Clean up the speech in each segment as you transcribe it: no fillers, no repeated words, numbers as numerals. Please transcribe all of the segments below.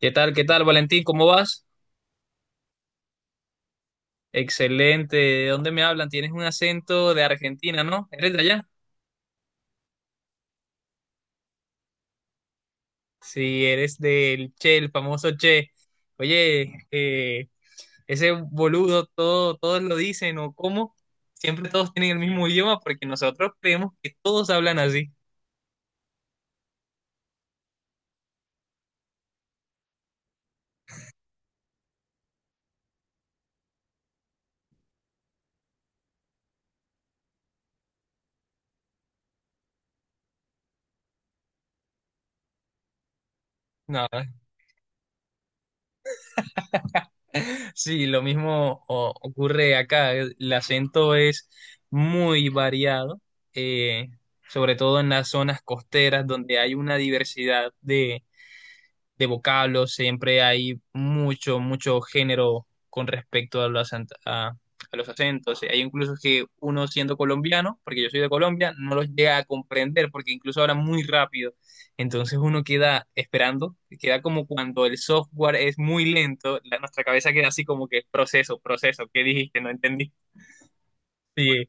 ¿Qué tal? ¿Qué tal, Valentín? ¿Cómo vas? Excelente. ¿De dónde me hablan? Tienes un acento de Argentina, ¿no? ¿Eres de allá? Sí, eres del Che, el famoso Che. Oye, ese boludo, todo, todos lo dicen, ¿o cómo? Siempre todos tienen el mismo idioma porque nosotros creemos que todos hablan así. No. Sí, lo mismo ocurre acá. El acento es muy variado, eh, sobre todo en las zonas costeras donde hay una diversidad de vocablos, siempre hay mucho, mucho género con respecto a los, a los acentos. Hay incluso que uno siendo colombiano, porque yo soy de Colombia, no los llega a comprender porque incluso hablan muy rápido. Entonces uno queda esperando, queda como cuando el software es muy lento, nuestra cabeza queda así como que proceso, proceso, ¿qué dijiste? No entendí. Sí.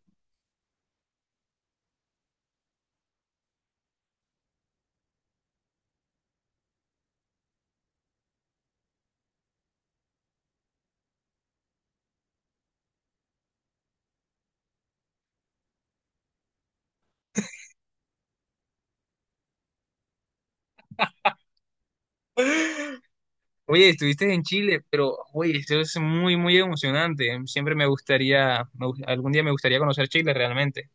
Oye, estuviste en Chile, pero oye, eso es muy, muy emocionante. Siempre me gustaría, algún día me gustaría conocer Chile realmente.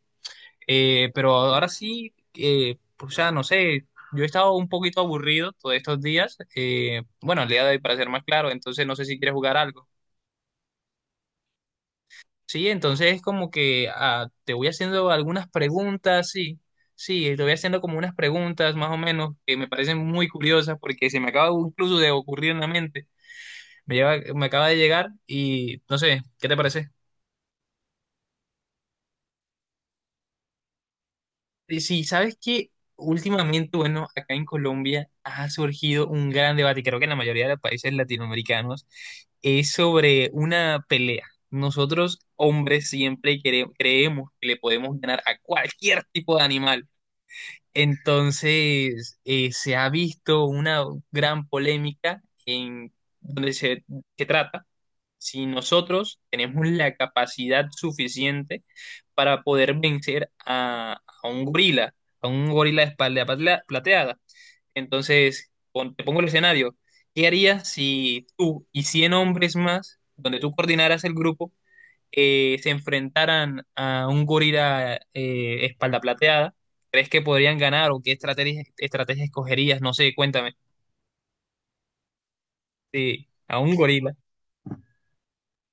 Pero ahora sí, o sea, no sé, yo he estado un poquito aburrido todos estos días, bueno, el día de hoy para ser más claro, entonces no sé si quieres jugar algo. Sí, entonces como que te voy haciendo algunas preguntas, sí, sí, te voy haciendo como unas preguntas más o menos que me parecen muy curiosas porque se me acaba incluso de ocurrir en la mente, me lleva, me acaba de llegar y no sé, ¿qué te parece? Sí, sabes que últimamente, bueno, acá en Colombia ha surgido un gran debate, creo que en la mayoría de los países latinoamericanos, es sobre una pelea. Nosotros, hombres, siempre creemos que le podemos ganar a cualquier tipo de animal. Entonces, se ha visto una gran polémica en donde se trata si nosotros tenemos la capacidad suficiente para poder vencer a un gorila de espalda plateada. Entonces, te pongo el escenario. ¿Qué harías si tú y 100 hombres más, donde tú coordinaras el grupo, se enfrentaran a un gorila espalda plateada? ¿Crees que podrían ganar o qué estrategia escogerías? No sé, cuéntame. Sí, a un gorila.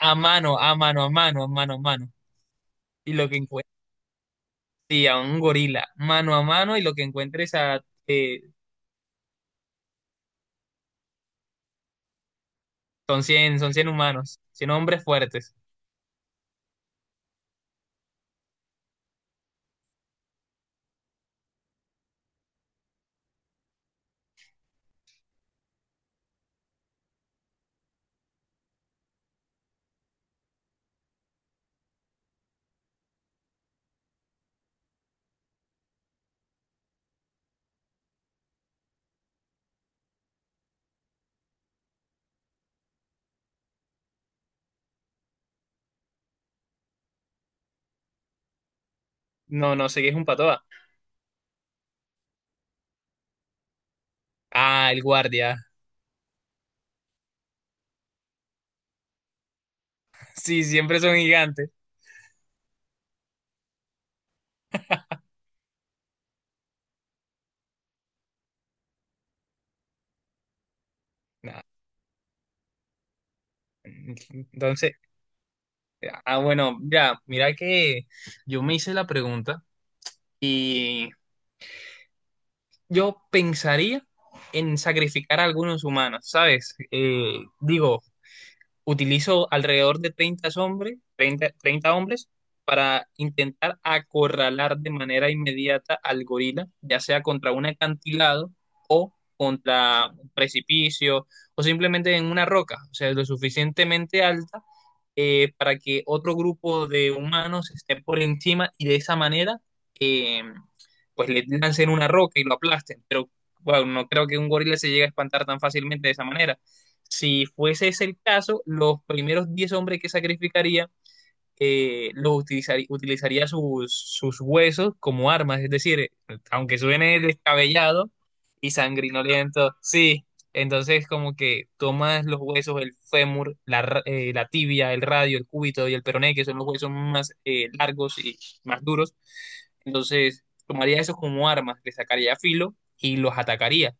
A mano, a mano, a mano, a mano, a mano. Y lo que encuentres, sí, a un gorila, mano a mano, y lo que encuentres son 100 humanos, 100 hombres fuertes. No, no sé qué es un patoa. Ah, el guardia. Sí, siempre son gigantes. Nah. Entonces, bueno, ya, mira que yo me hice la pregunta, y yo pensaría en sacrificar a algunos humanos, ¿sabes? Digo, utilizo alrededor de 30 hombres, 30 30 hombres para intentar acorralar de manera inmediata al gorila, ya sea contra un acantilado o contra un precipicio o simplemente en una roca, o sea, lo suficientemente alta, para que otro grupo de humanos esté por encima y de esa manera, eh, pues le lancen una roca y lo aplasten. Pero bueno, no creo que un gorila se llegue a espantar tan fácilmente de esa manera. Si fuese ese el caso, los primeros 10 hombres que sacrificaría, los utilizaría sus huesos como armas. Es decir, aunque suene descabellado y sangrinoliento, sí. Entonces, como que tomas los huesos, el fémur, la tibia, el radio, el cúbito y el peroné, que son los huesos más largos y más duros. Entonces, tomaría esos como armas, le sacaría filo y los atacaría.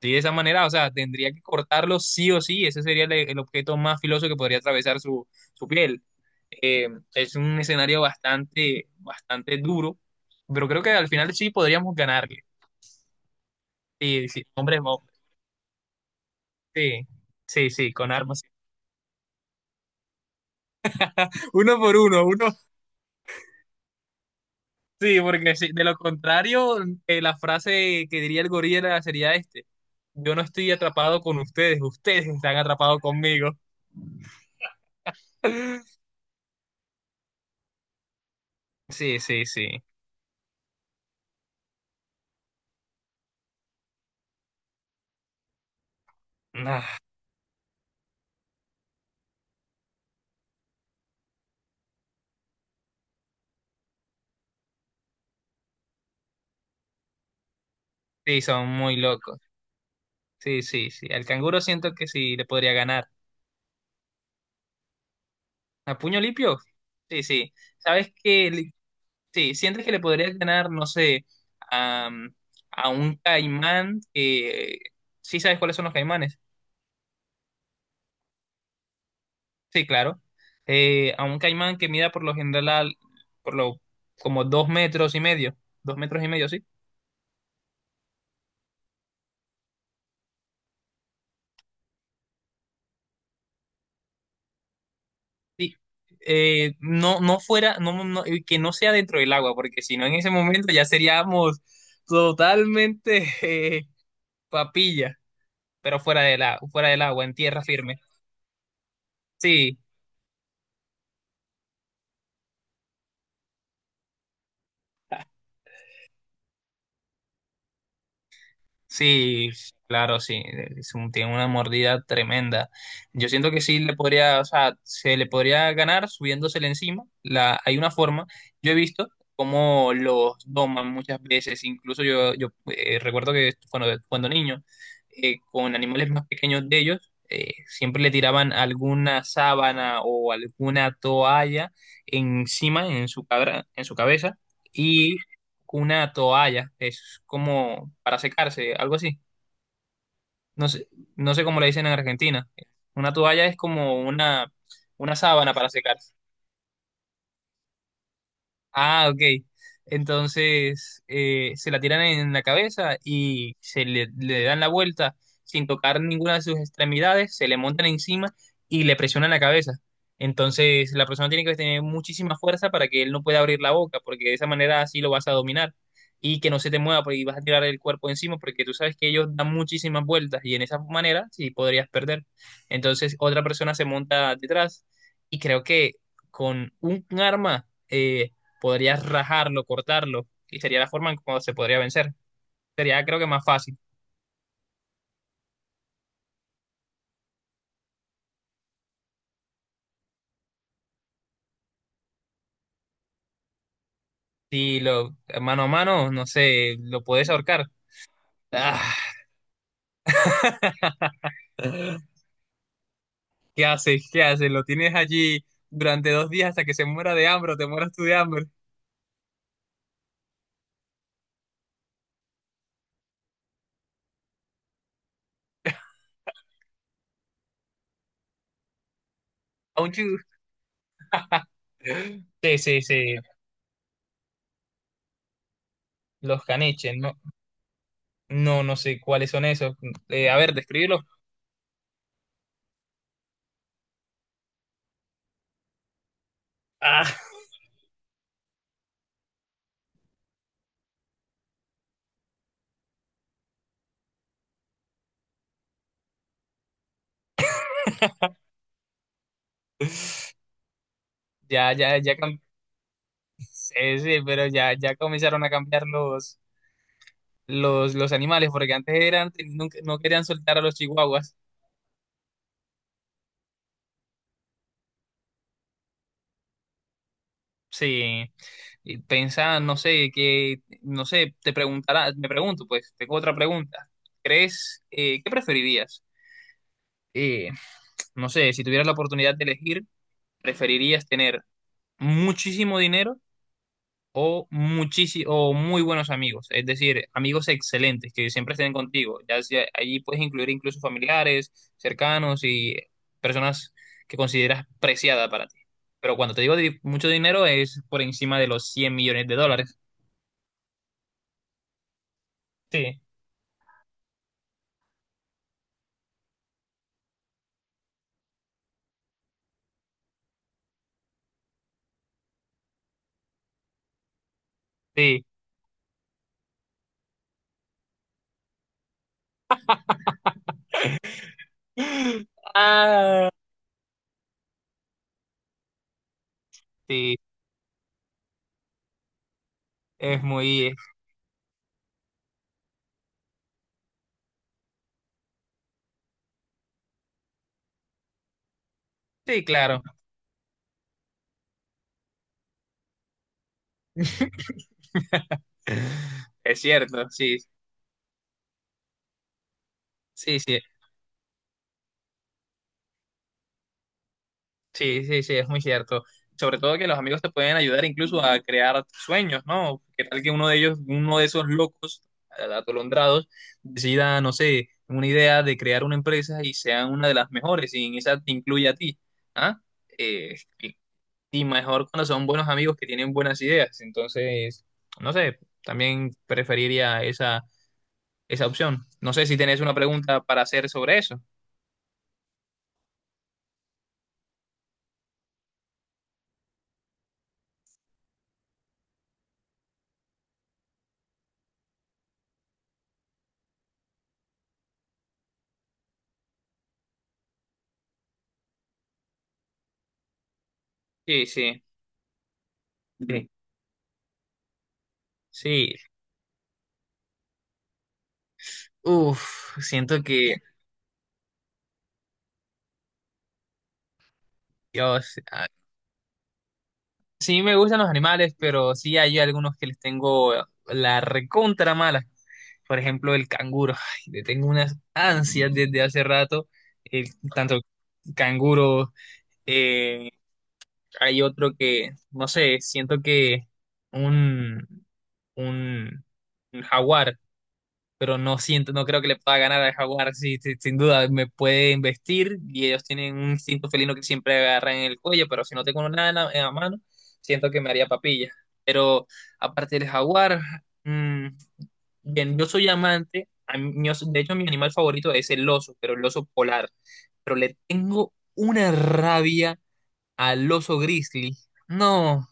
Sí, de esa manera, o sea, tendría que cortarlo sí o sí, ese sería el objeto más filoso que podría atravesar su piel. Eh, es un escenario bastante, bastante duro, pero creo que al final sí podríamos ganarle. Sí, sí, hombre, hombre. Sí, sí, sí, con armas. Uno por uno, uno. Sí, porque sí, de lo contrario, la frase que diría el gorila sería este, yo no estoy atrapado con ustedes, ustedes están atrapados conmigo. Sí, sí, sí. Ah, sí, son muy locos. Sí, sí, sí. Al canguro siento que sí le podría ganar. ¿A puño limpio? Sí, sí. ¿Sabes qué? Sí, sientes que le podrías ganar, no sé, a, mm, a un caimán que... ¿Sí sabes cuáles son los caimanes? Sí, claro. A un caimán que mida por lo general, por lo, como 2 metros y medio. 2 metros y medio, sí. Sí. No, no, y que no sea dentro del agua, porque si no en ese momento ya seríamos totalmente... eh, papilla. Pero fuera del agua, en tierra firme. Sí, sí, claro, sí, es tiene una mordida tremenda. Yo siento que sí le podría, o sea, se le podría ganar subiéndosele encima. Hay una forma, yo he visto cómo los doman muchas veces, incluso yo, yo recuerdo que cuando niño, con animales más pequeños de ellos, siempre le tiraban alguna sábana o alguna toalla encima, en su cabra, en su cabeza, y una toalla, es como para secarse, algo así. No sé, no sé cómo le dicen en Argentina. Una toalla es como una sábana para secarse. Ah, ok. Entonces se la tiran en la cabeza y le dan la vuelta sin tocar ninguna de sus extremidades, se le montan encima y le presionan la cabeza. Entonces la persona tiene que tener muchísima fuerza para que él no pueda abrir la boca, porque de esa manera así lo vas a dominar y que no se te mueva porque vas a tirar el cuerpo encima, porque tú sabes que ellos dan muchísimas vueltas y en esa manera sí podrías perder. Entonces otra persona se monta detrás y creo que con un arma... podrías rajarlo, cortarlo, y sería la forma en cómo se podría vencer. Sería, creo que más fácil. Si lo mano a mano, no sé, lo puedes ahorcar. Ah. ¿Qué haces? ¿Qué haces? Lo tienes allí durante 2 días hasta que se muera de hambre o te mueras tú de hambre. Aunchu. Sí, sí, sí. Los caniches, no, no, no sé cuáles son esos. A ver, describirlos. Ah. Ya, ya, ya. Sí, sí, pero ya, ya comenzaron a cambiar los, animales, porque antes eran, no, no querían soltar a los chihuahuas. Sí, y pensaban, no sé, que, no sé, te preguntará, me pregunto, pues, tengo otra pregunta. ¿Crees, qué preferirías? Eh, no sé, si tuvieras la oportunidad de elegir, ¿preferirías tener muchísimo dinero o, o muy buenos amigos? Es decir, amigos excelentes que siempre estén contigo. Allí puedes incluir incluso familiares, cercanos y personas que consideras preciada para ti. Pero cuando te digo mucho dinero es por encima de los 100 millones de dólares. Sí, sí. Ah, sí, es muy... Sí, claro. Es cierto, sí, sí, sí. Sí, sí, sí, es muy cierto. Sobre todo que los amigos te pueden ayudar incluso a crear sueños, ¿no? ¿Qué tal que uno de ellos, uno de esos locos, atolondrados, decida, no sé, una idea de crear una empresa y sea una de las mejores y en esa te incluye a ti? ¿Ah? Eh, y, y mejor cuando son buenos amigos que tienen buenas ideas. Entonces, no sé, también preferiría esa, esa opción. No sé si tenés una pregunta para hacer sobre eso. Sí, sí. Sí. Sí. Uf, siento que Dios. Ah, sí me gustan los animales, pero sí hay algunos que les tengo la recontra mala. Por ejemplo, el canguro. Ay, le tengo unas ansias desde hace rato. El, tanto canguro, eh, hay otro que, no sé, siento que un, un, un jaguar. Pero no siento, no creo que le pueda ganar al jaguar, sí, sí, sin duda, me puede investir y ellos tienen un instinto felino que siempre agarran en el cuello, pero si no tengo nada en la mano, siento que me haría papilla. Pero aparte del jaguar, mm, bien, yo soy amante, a mí- yo- so, de hecho mi animal favorito es el oso, pero el oso polar, pero le tengo una rabia al oso grizzly. No,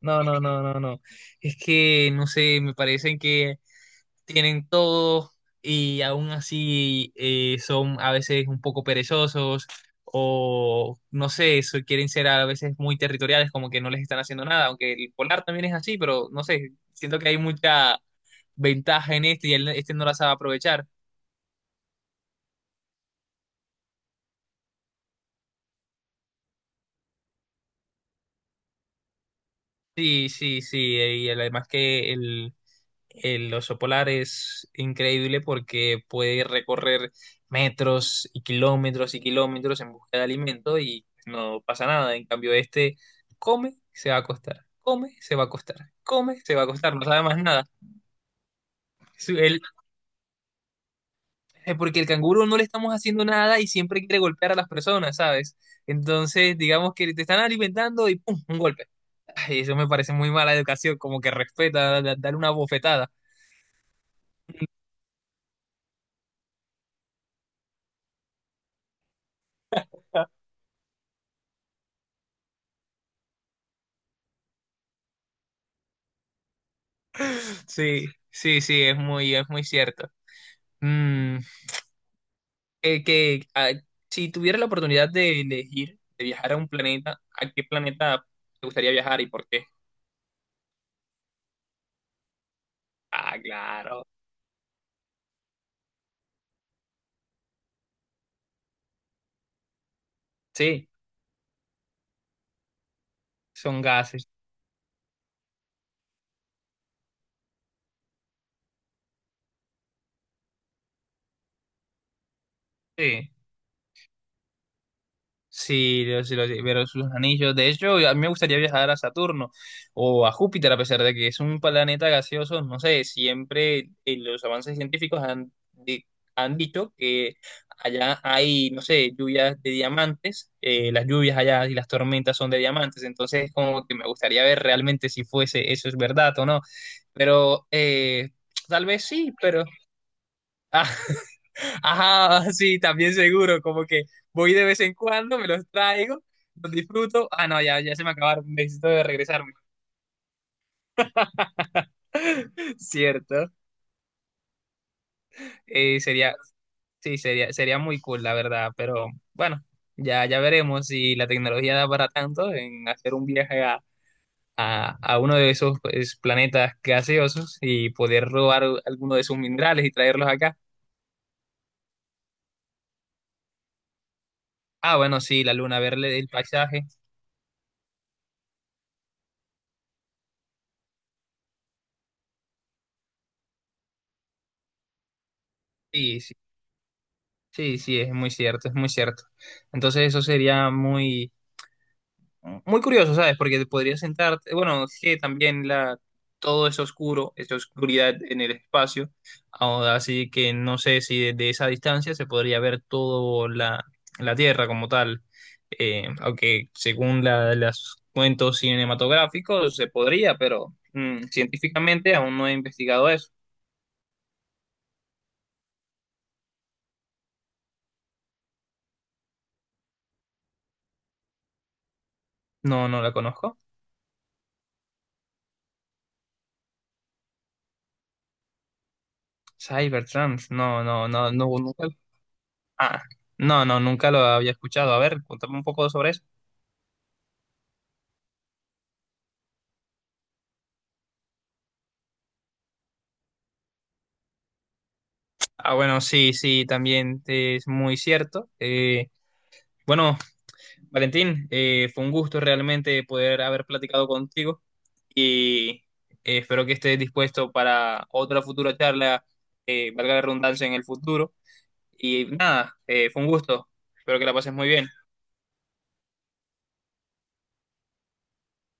no, no, no, no, no. Es que, no sé, me parecen que tienen todo y aún así, son a veces un poco perezosos o no sé, quieren ser a veces muy territoriales, como que no les están haciendo nada, aunque el polar también es así, pero no sé, siento que hay mucha ventaja en este y este no la sabe aprovechar. Sí, sí, sí, y además que el oso polar es increíble porque puede recorrer metros y kilómetros en busca de alimento y no pasa nada. En cambio, este come, se va a acostar, come, se va a acostar, come, se va a acostar, no sabe más nada. Su- el- porque el canguro no le estamos haciendo nada y siempre quiere golpear a las personas, ¿sabes? Entonces, digamos que te están alimentando y ¡pum! Un golpe. Ay, eso me parece muy mala educación, como que respeta, dar una bofetada. Sí, sí, sí, es muy cierto. Mm, eh, que ah, si tuviera la oportunidad de elegir, de viajar a un planeta, ¿a qué planeta te gustaría viajar y por qué? Ah, claro. Sí, son gases. Sí. Sí, yo sí lo sé, pero sus anillos. De hecho, a mí me gustaría viajar a Saturno o a Júpiter, a pesar de que es un planeta gaseoso. No sé, siempre los avances científicos han, han dicho que allá hay, no sé, lluvias de diamantes. Las lluvias allá y las tormentas son de diamantes. Entonces, como que me gustaría ver realmente si fuese eso es verdad o no. Pero tal vez sí, pero. Ah, ajá, sí, también seguro, como que voy de vez en cuando, me los traigo, los disfruto. Ah, no, ya, ya se me acabaron, necesito de regresarme. Cierto. Eh, sería, sí, sería, sería muy cool, la verdad, pero bueno, ya, ya veremos si la tecnología da para tanto en hacer un viaje a uno de esos pues, planetas gaseosos y poder robar alguno de sus minerales y traerlos acá. Ah, bueno, sí, la luna, verle el paisaje. Sí, sí. Sí, sí, es muy cierto, es muy cierto. Entonces eso sería muy, muy curioso, ¿sabes? Porque te podrías sentarte, bueno, es que también la, todo es oscuro, esa oscuridad en el espacio, ahora así que no sé si desde esa distancia se podría ver toda la Tierra como tal. Aunque según los cuentos cinematográficos se podría, pero científicamente aún no he investigado eso. No, no la conozco. Cybertrans, no, no, no, no, nunca. Ah, no, no, nunca lo había escuchado. A ver, cuéntame un poco sobre eso. Ah, bueno, sí, sí, también es muy cierto. Bueno, Valentín, fue un gusto realmente poder haber platicado contigo y espero que estés dispuesto para otra futura charla, valga la redundancia, en el futuro. Y nada, fue un gusto. Espero que la pases muy bien.